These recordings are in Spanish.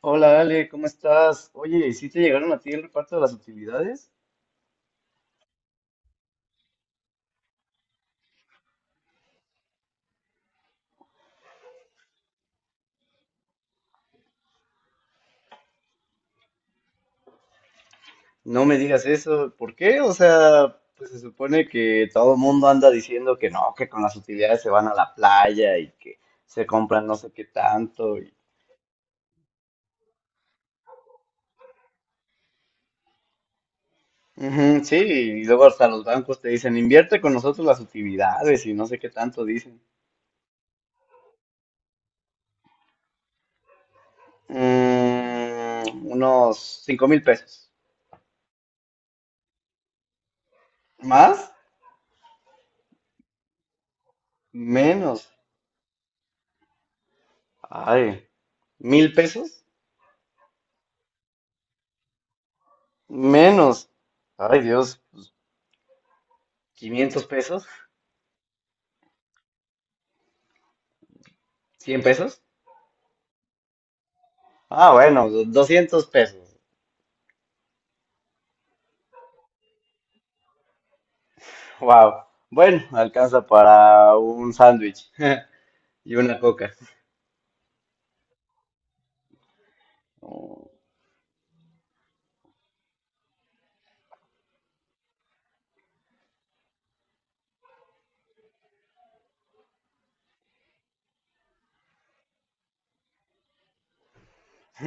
Hola Ale, ¿cómo estás? Oye, ¿sí te llegaron a ti el reparto de las utilidades? No me digas eso, ¿por qué? O sea, pues se supone que todo el mundo anda diciendo que no, que con las utilidades se van a la playa y que se compran no sé qué tanto. Y... Ujú, sí, y luego hasta los bancos te dicen, invierte con nosotros las utilidades y no sé qué tanto dicen. Mm, unos 5,000 pesos. ¿Más? Menos. Ay, ¿1,000 pesos? Menos. Ay, Dios. 500 pesos, 100 pesos, ah, bueno, 200 pesos. Wow. Bueno, alcanza para un sándwich y una coca.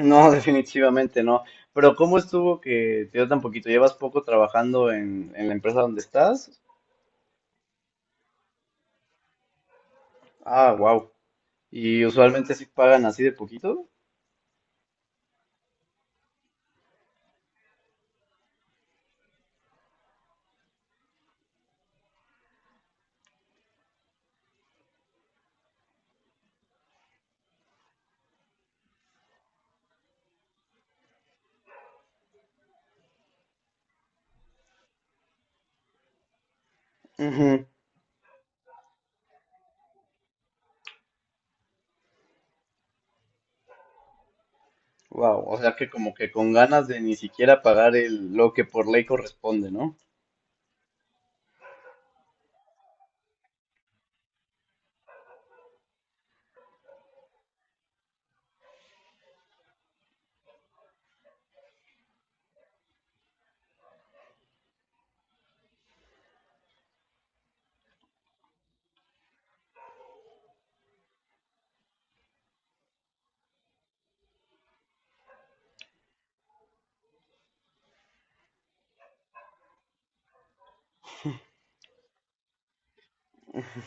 No, definitivamente no. Pero ¿cómo estuvo que te dio tan poquito? ¿Llevas poco trabajando en la empresa donde estás? Ah, wow. ¿Y usualmente sí pagan así de poquito? Wow. O sea que como que con ganas de ni siquiera pagar el, lo que por ley corresponde, ¿no?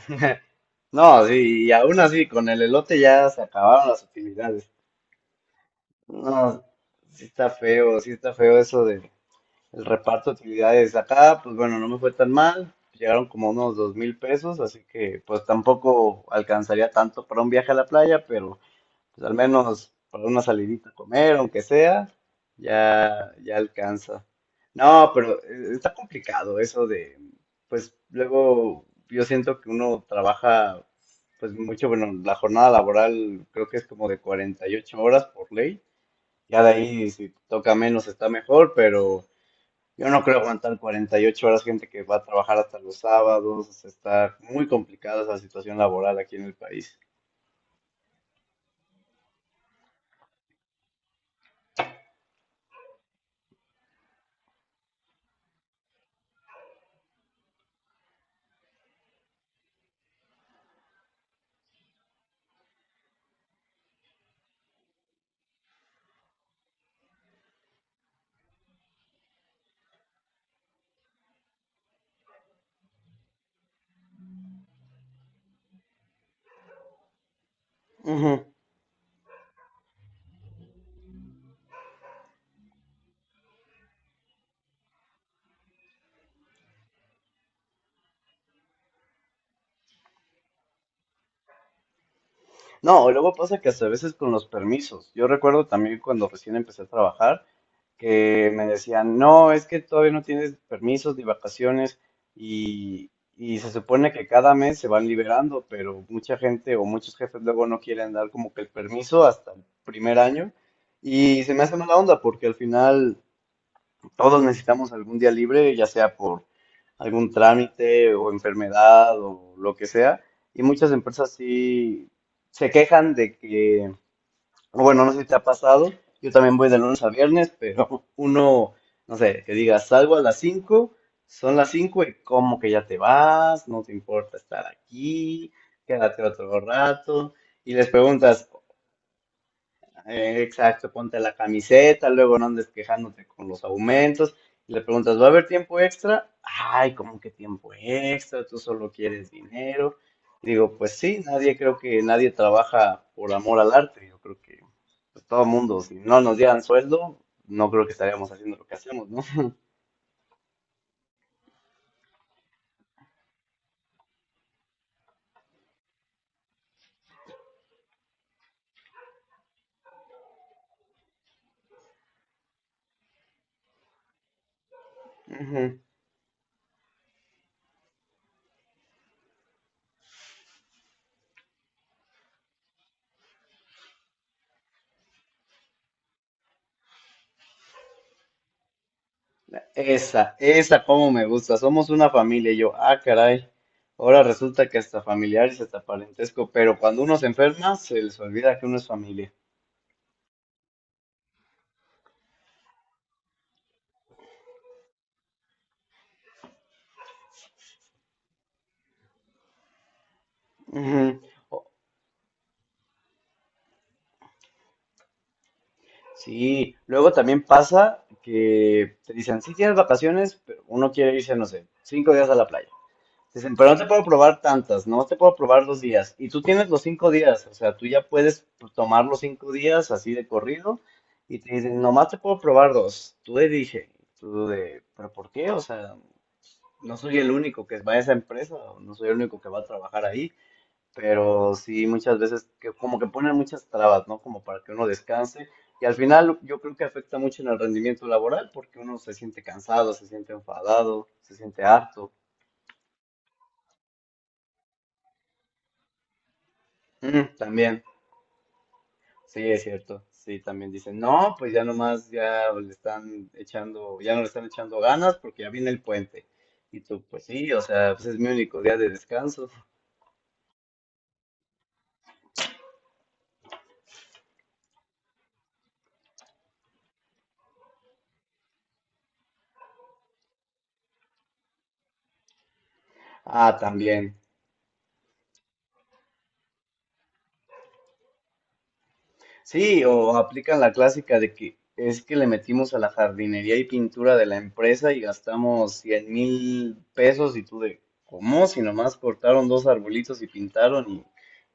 No, sí, y aún así, con el elote ya se acabaron las utilidades. No, sí está feo eso de el reparto de utilidades. Acá, pues bueno, no me fue tan mal. Llegaron como unos 2,000 pesos, así que pues tampoco alcanzaría tanto para un viaje a la playa, pero pues al menos para una salidita a comer, aunque sea, ya, ya alcanza. No, pero está complicado eso de, pues luego yo siento que uno trabaja pues mucho, bueno, la jornada laboral creo que es como de 48 horas por ley. Ya de ahí, si te toca menos, está mejor, pero yo no creo aguantar 48 horas gente que va a trabajar hasta los sábados. O sea, está muy complicada esa situación laboral aquí en el país. Ujú. No, luego pasa que hasta a veces con los permisos. Yo recuerdo también cuando recién empecé a trabajar, que me decían, no, es que todavía no tienes permisos de vacaciones y, y se supone que cada mes se van liberando, pero mucha gente o muchos jefes luego no quieren dar como que el permiso hasta el primer año y se me hace mala onda porque al final todos necesitamos algún día libre, ya sea por algún trámite o enfermedad o lo que sea, y muchas empresas sí se quejan de que, bueno, no sé si te ha pasado. Yo también voy de lunes a viernes, pero uno, no sé, que diga, salgo a las 5, son las 5 y como que ya te vas, no te importa estar aquí, quédate otro rato. Y les preguntas, exacto, ponte la camiseta, luego no andes quejándote con los aumentos. Y le preguntas, ¿va a haber tiempo extra? Ay, ¿cómo que tiempo extra? Tú solo quieres dinero. Y digo, pues sí, nadie creo que nadie trabaja por amor al arte. Yo creo que pues, todo mundo, si no nos dieran sueldo, no creo que estaríamos haciendo lo que hacemos, ¿no? Ujú. Esa como me gusta. Somos una familia. Y yo, ah, caray. Ahora resulta que hasta familiares, hasta parentesco, pero cuando uno se enferma, se les olvida que uno es familia. Ujú. O- Sí, luego también pasa que te dicen, sí tienes vacaciones, pero uno quiere irse, no sé, 5 días a la playa. Te dicen, pero no te puedo probar tantas, no te puedo probar 2 días. Y tú tienes los 5 días, o sea, tú ya puedes tomar los 5 días así de corrido y te dicen, nomás te puedo probar dos. Tú de dije, tú de, pero ¿por qué? O sea, no soy el único que va a esa empresa, o no soy el único que va a trabajar ahí. Pero sí muchas veces que como que ponen muchas trabas, ¿no? Como para que uno descanse y al final yo creo que afecta mucho en el rendimiento laboral porque uno se siente cansado, se siente enfadado, se siente harto. Mm, también, sí, es cierto. Sí, también dicen, no, pues ya nomás ya le están echando, ya no le están echando ganas porque ya viene el puente. Y tú, pues sí, o sea, pues es mi único día de descanso. Ah, también. Sí, o aplican la clásica de que es que le metimos a la jardinería y pintura de la empresa y gastamos 100,000 pesos y tú de, ¿cómo? Si nomás cortaron dos arbolitos y pintaron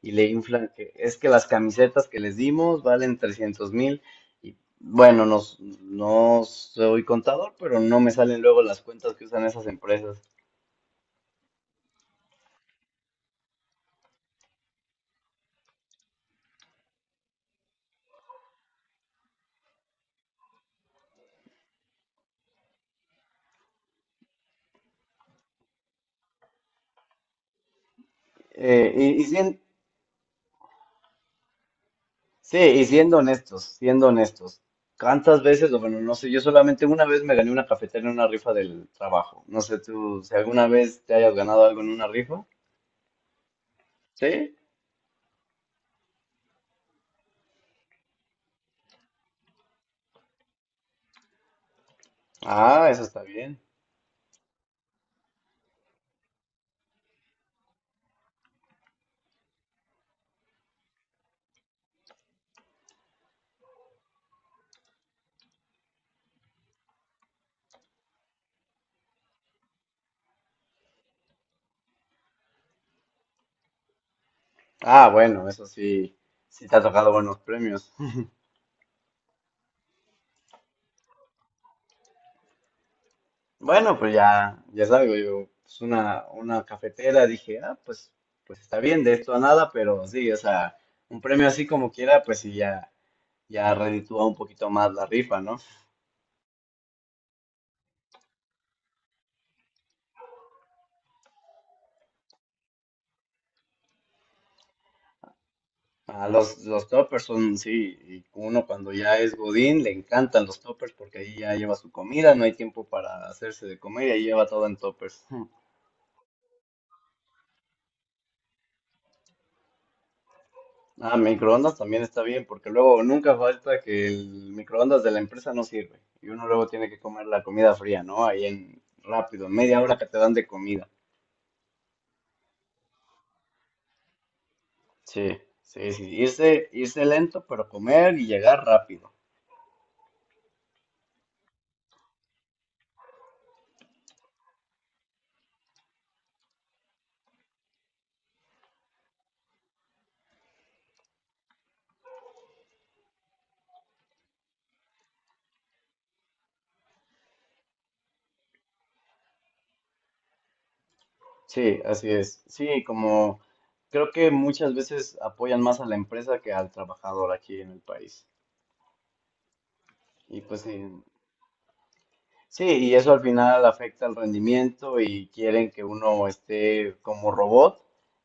y le inflan que es que las camisetas que les dimos valen 300,000 y bueno, no, no soy contador, pero no me salen luego las cuentas que usan esas empresas. Y sí, sí, y siendo honestos, ¿cuántas veces, o bueno, no sé, yo solamente una vez me gané una cafetera en una rifa del trabajo. No sé tú si alguna vez te hayas ganado algo en una rifa. ¿Sí? Ah, eso está bien. Ah, bueno, eso sí, sí te ha tocado buenos premios. Bueno, pues ya, ya salgo yo, pues una cafetera, dije, ah, pues, pues está bien, de esto a nada, pero sí, o sea, un premio así como quiera, pues sí, ya, ya reditúa un poquito más la rifa, ¿no? Ah, los toppers son, sí, y uno cuando ya es Godín le encantan los toppers porque ahí ya lleva su comida, no hay tiempo para hacerse de comer y ahí lleva todo en toppers. Hmm. Ah, microondas también está bien porque luego nunca falta que el microondas de la empresa no sirve y uno luego tiene que comer la comida fría, ¿no? Ahí en rápido, en media hora que te dan de comida. Sí, sí, sí, irse, irse lento pero comer y llegar rápido. Sí, así es. Sí, como creo que muchas veces apoyan más a la empresa que al trabajador aquí en el país. Y pues sí, sí, y eso al final afecta al rendimiento y quieren que uno esté como robot.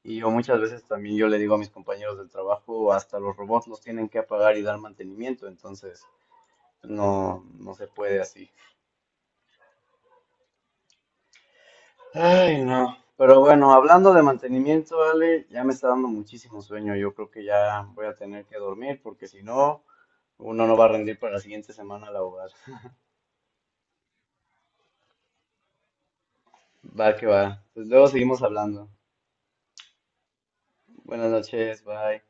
Y yo muchas veces también yo le digo a mis compañeros del trabajo, hasta los robots los tienen que apagar y dar mantenimiento, entonces no, no se puede así. Ay, no. Pero bueno, hablando de mantenimiento, Ale, ya me está dando muchísimo sueño. Yo creo que ya voy a tener que dormir porque si no... Uno no va a rendir para la siguiente semana laboral. Va que va. Pues luego seguimos hablando. Buenas noches, bye.